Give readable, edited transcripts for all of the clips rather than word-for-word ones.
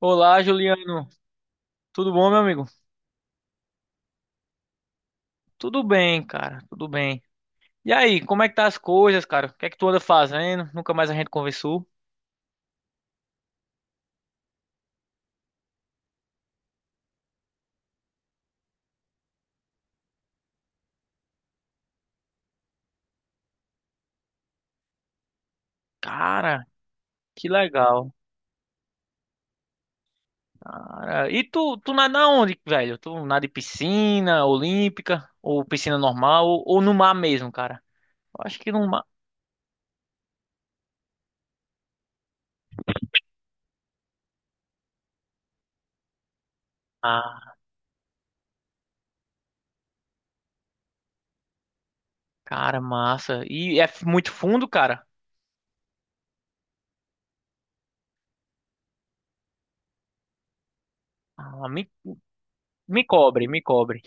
Olá, Juliano. Tudo bom, meu amigo? Tudo bem, cara. Tudo bem. E aí, como é que tá as coisas, cara? O que é que tu anda fazendo? Nunca mais a gente conversou. Cara, que legal. Cara, e tu nada onde, velho? Tu nada em piscina olímpica ou piscina normal ou no mar mesmo, cara? Eu acho que no mar. Ah, cara, massa. E é muito fundo, cara? Ah, me cobre, me cobre.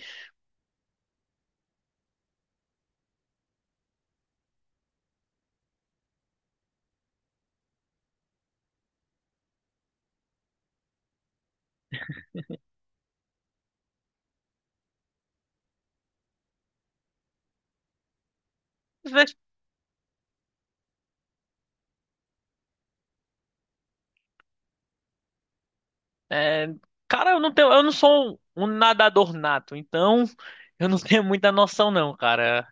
É, cara, eu não tenho, eu não sou um nadador nato, então eu não tenho muita noção não, cara.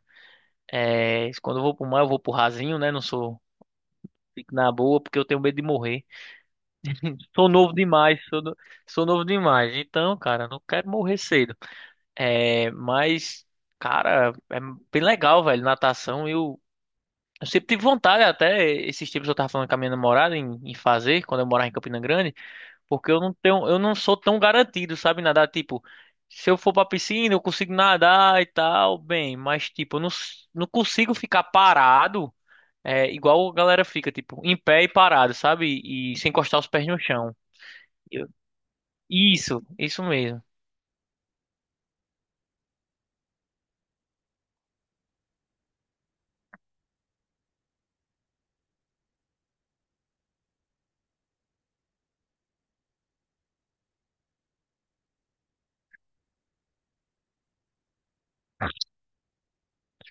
É, quando eu vou pro mar, eu vou pro rasinho, né? Não sou, fico na boa porque eu tenho medo de morrer. Sou novo demais, sou, no- sou novo demais. Então, cara, não quero morrer cedo. É, mas, cara, é bem legal, velho, natação. Eu sempre tive vontade, até esses tempos eu tava falando com a minha namorada em fazer, quando eu morava em Campina Grande. Porque eu não tenho, eu não sou tão garantido, sabe, nadar, tipo, se eu for pra piscina, eu consigo nadar e tal, bem, mas tipo, eu não, s- não consigo ficar parado, é, igual a galera fica, tipo, em pé e parado, sabe? E sem encostar os pés no chão. Eu- isso, isso mesmo.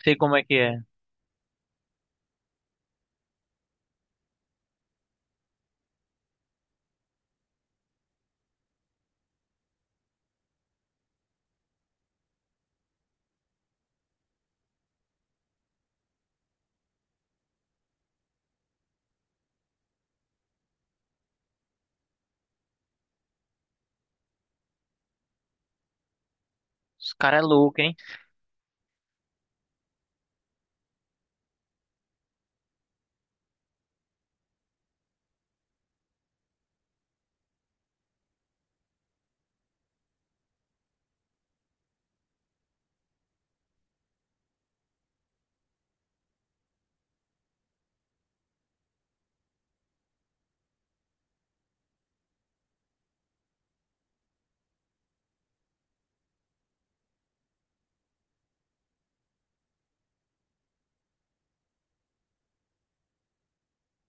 Sei como é que é. Os cara é louco, hein?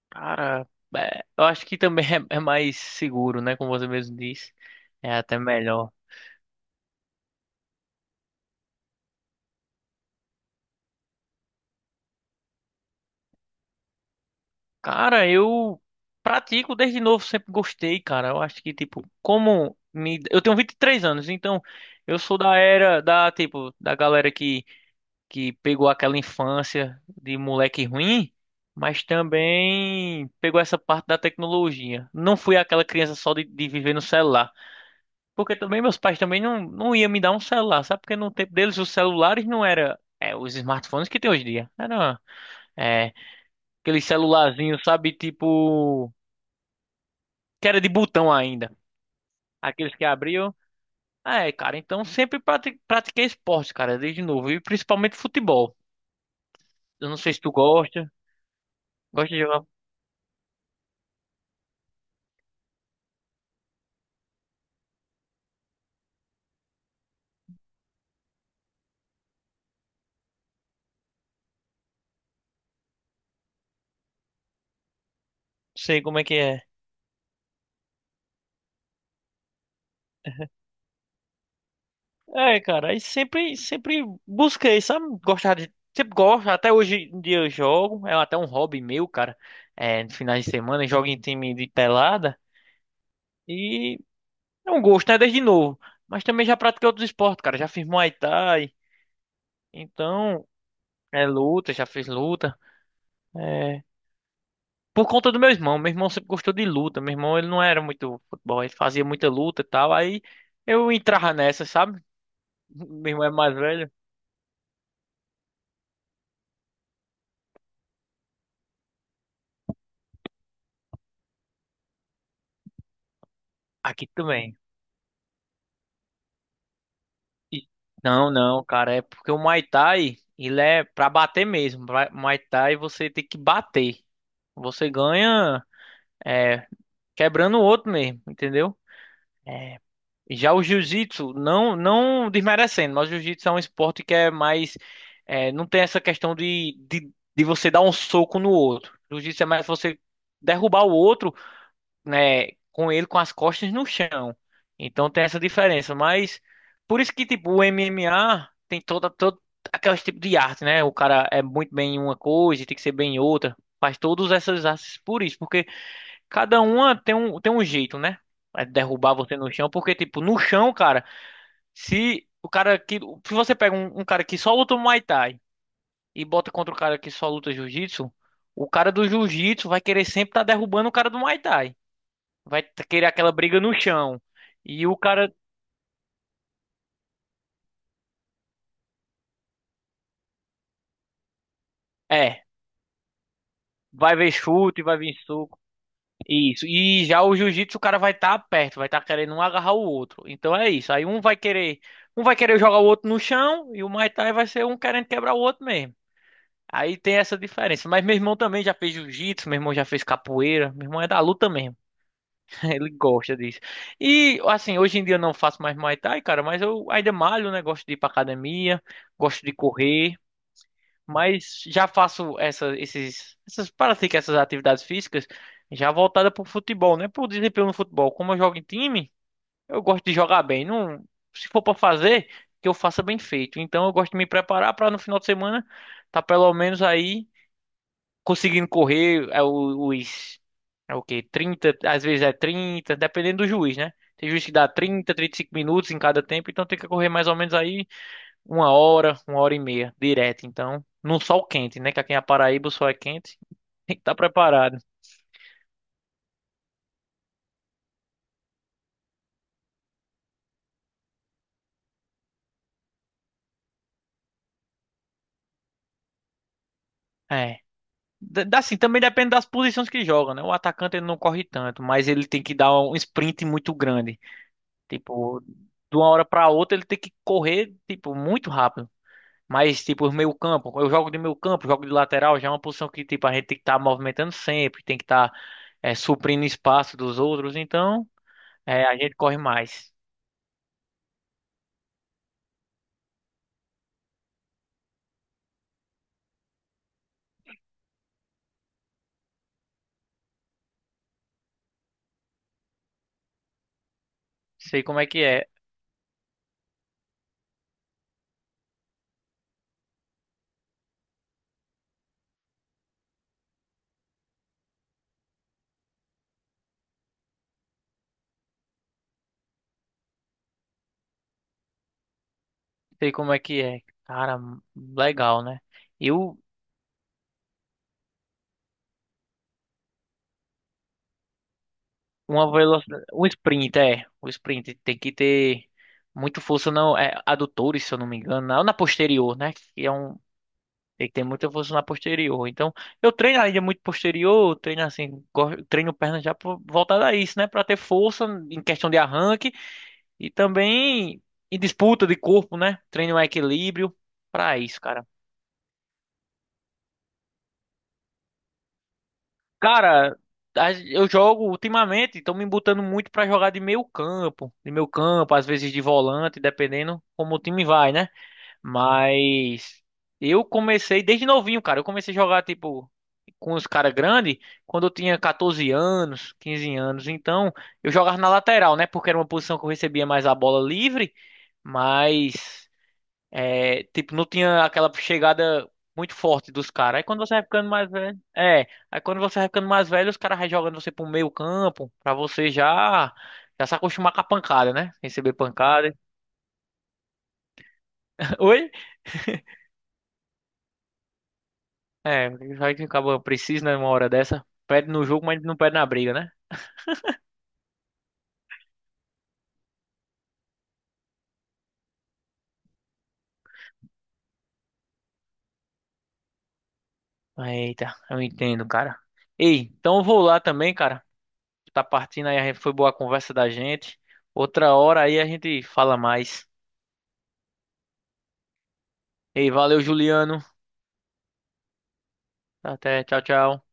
Cara, é, eu acho que também é mais seguro, né, como você mesmo disse. É até melhor. Cara, eu pratico desde novo, sempre gostei, cara. Eu acho que, tipo, como me... Eu tenho 23 anos, então eu sou da era da, tipo, da galera que pegou aquela infância de moleque ruim, mas também pegou essa parte da tecnologia. Não fui aquela criança só de viver no celular. Porque também meus pais também não iam me dar um celular, sabe? Porque no tempo deles os celulares não era é, os smartphones que tem hoje em dia. Era é, aquele celularzinho, sabe? Tipo, que era de botão ainda. Aqueles que abriam. Ah, é, cara, então sempre pratiquei esporte, cara, desde novo. E principalmente futebol. Eu não sei se tu gosta. Gosta de jogar? Não. Sei como é que é. É, cara, aí sempre, sempre busquei, sabe? Gostar de. Sempre gosto, até hoje em dia eu jogo. É até um hobby meu, cara. É, no finais de semana, eu jogo em time de pelada. E é um gosto, né? Desde novo. Mas também já pratiquei outros esportes, cara. Já fiz Muay Thai. Então, é luta, já fiz luta. É, por conta do meu irmão. Meu irmão sempre gostou de luta. Meu irmão, ele não era muito futebol, ele fazia muita luta e tal. Aí eu entrava nessa, sabe? Meu irmão é mais velho. Aqui também. E- Não, não, cara, é porque o Muay Thai, ele é pra bater mesmo. Muay Thai você tem que bater. Você ganha é, quebrando o outro mesmo, entendeu? Já o jiu-jitsu, não, não desmerecendo, mas o jiu-jitsu é um esporte que é mais. É, não tem essa questão de você dar um soco no outro. O jiu-jitsu é mais você derrubar o outro, né, com ele com as costas no chão. Então tem essa diferença. Mas por isso que, tipo, o MMA tem toda, todo aqueles tipo de arte, né? O cara é muito bem em uma coisa e tem que ser bem em outra. Faz todas essas artes por isso, porque cada uma tem um jeito, né? É derrubar você no chão, porque, tipo, no chão, cara. Se o cara que. Se você pega um cara que só luta Muay Thai e bota contra o cara que só luta Jiu-Jitsu, o cara do Jiu-Jitsu vai querer sempre estar derrubando o cara do Muay Thai. Querer aquela briga no chão. E o cara. É. Vai ver chute, vai vir soco. Isso. E já o jiu-jitsu, o cara vai estar perto, vai estar querendo um agarrar o outro. Então é isso. Aí um vai querer. Um vai querer jogar o outro no chão e o Muay Thai vai ser um querendo quebrar o outro mesmo. Aí tem essa diferença. Mas meu irmão também já fez jiu-jitsu, meu irmão já fez capoeira, meu irmão é da luta mesmo. Ele gosta disso. E assim, hoje em dia eu não faço mais Muay Thai, cara, mas eu ainda malho, né? Gosto de ir pra academia, gosto de correr, mas já faço essas, pratico essas atividades físicas já voltada pro futebol, né? Pro desempenho no futebol. Como eu jogo em time, eu gosto de jogar bem. Não, se for pra fazer, que eu faça bem feito. Então eu gosto de me preparar pra no final de semana tá pelo menos aí conseguindo correr os é o quê? 30 às vezes é 30 dependendo do juiz, né? Tem juiz que dá 35 minutos em cada tempo, então tem que correr mais ou menos aí uma hora e meia direto, então, num sol quente, né? Que aqui na Paraíba o sol é quente, tem que estar preparado. É. Assim, também depende das posições que joga, né? O atacante ele não corre tanto, mas ele tem que dar um sprint muito grande. Tipo, de uma hora para outra ele tem que correr, tipo, muito rápido. Mas, tipo, meio campo, eu jogo de meio campo, jogo de lateral, já é uma posição que, tipo, a gente tem que estar movimentando sempre, tem que estar suprindo espaço dos outros, então é, a gente corre mais. Sei como é que é, sei como é que é. Cara, legal, né? E o, uma velocidade, um sprint, é, o sprint tem que ter muito força, não, é, adutores, se eu não me engano, na posterior, né? Que é um. Tem que ter muita força na posterior. Então, eu treino ainda muito posterior, treino assim, treino perna já voltada a isso, né? Pra ter força em questão de arranque e também em disputa de corpo, né? Treino um equilíbrio pra isso, cara. Cara, eu jogo ultimamente, estão me botando muito pra jogar de meio campo, às vezes de volante, dependendo como o time vai, né? Mas eu comecei desde novinho, cara. Eu comecei a jogar, tipo, com os caras grandes quando eu tinha 14 anos, 15 anos. Então, eu jogava na lateral, né? Porque era uma posição que eu recebia mais a bola livre, mas, é, tipo, não tinha aquela chegada muito forte dos caras. Aí quando você vai ficando mais velho. É, aí quando você vai ficando mais velho, os caras vai jogando você pro meio campo, pra você já. Já se acostumar com a pancada, né? Receber pancada. Oi? É, vai que acaba precisa numa hora dessa. Perde no jogo, mas não perde na briga, né? Eita, eu entendo, cara. Ei, então eu vou lá também, cara. Tá partindo aí, foi boa a conversa da gente. Outra hora aí a gente fala mais. Ei, valeu, Juliano. Até, tchau, tchau.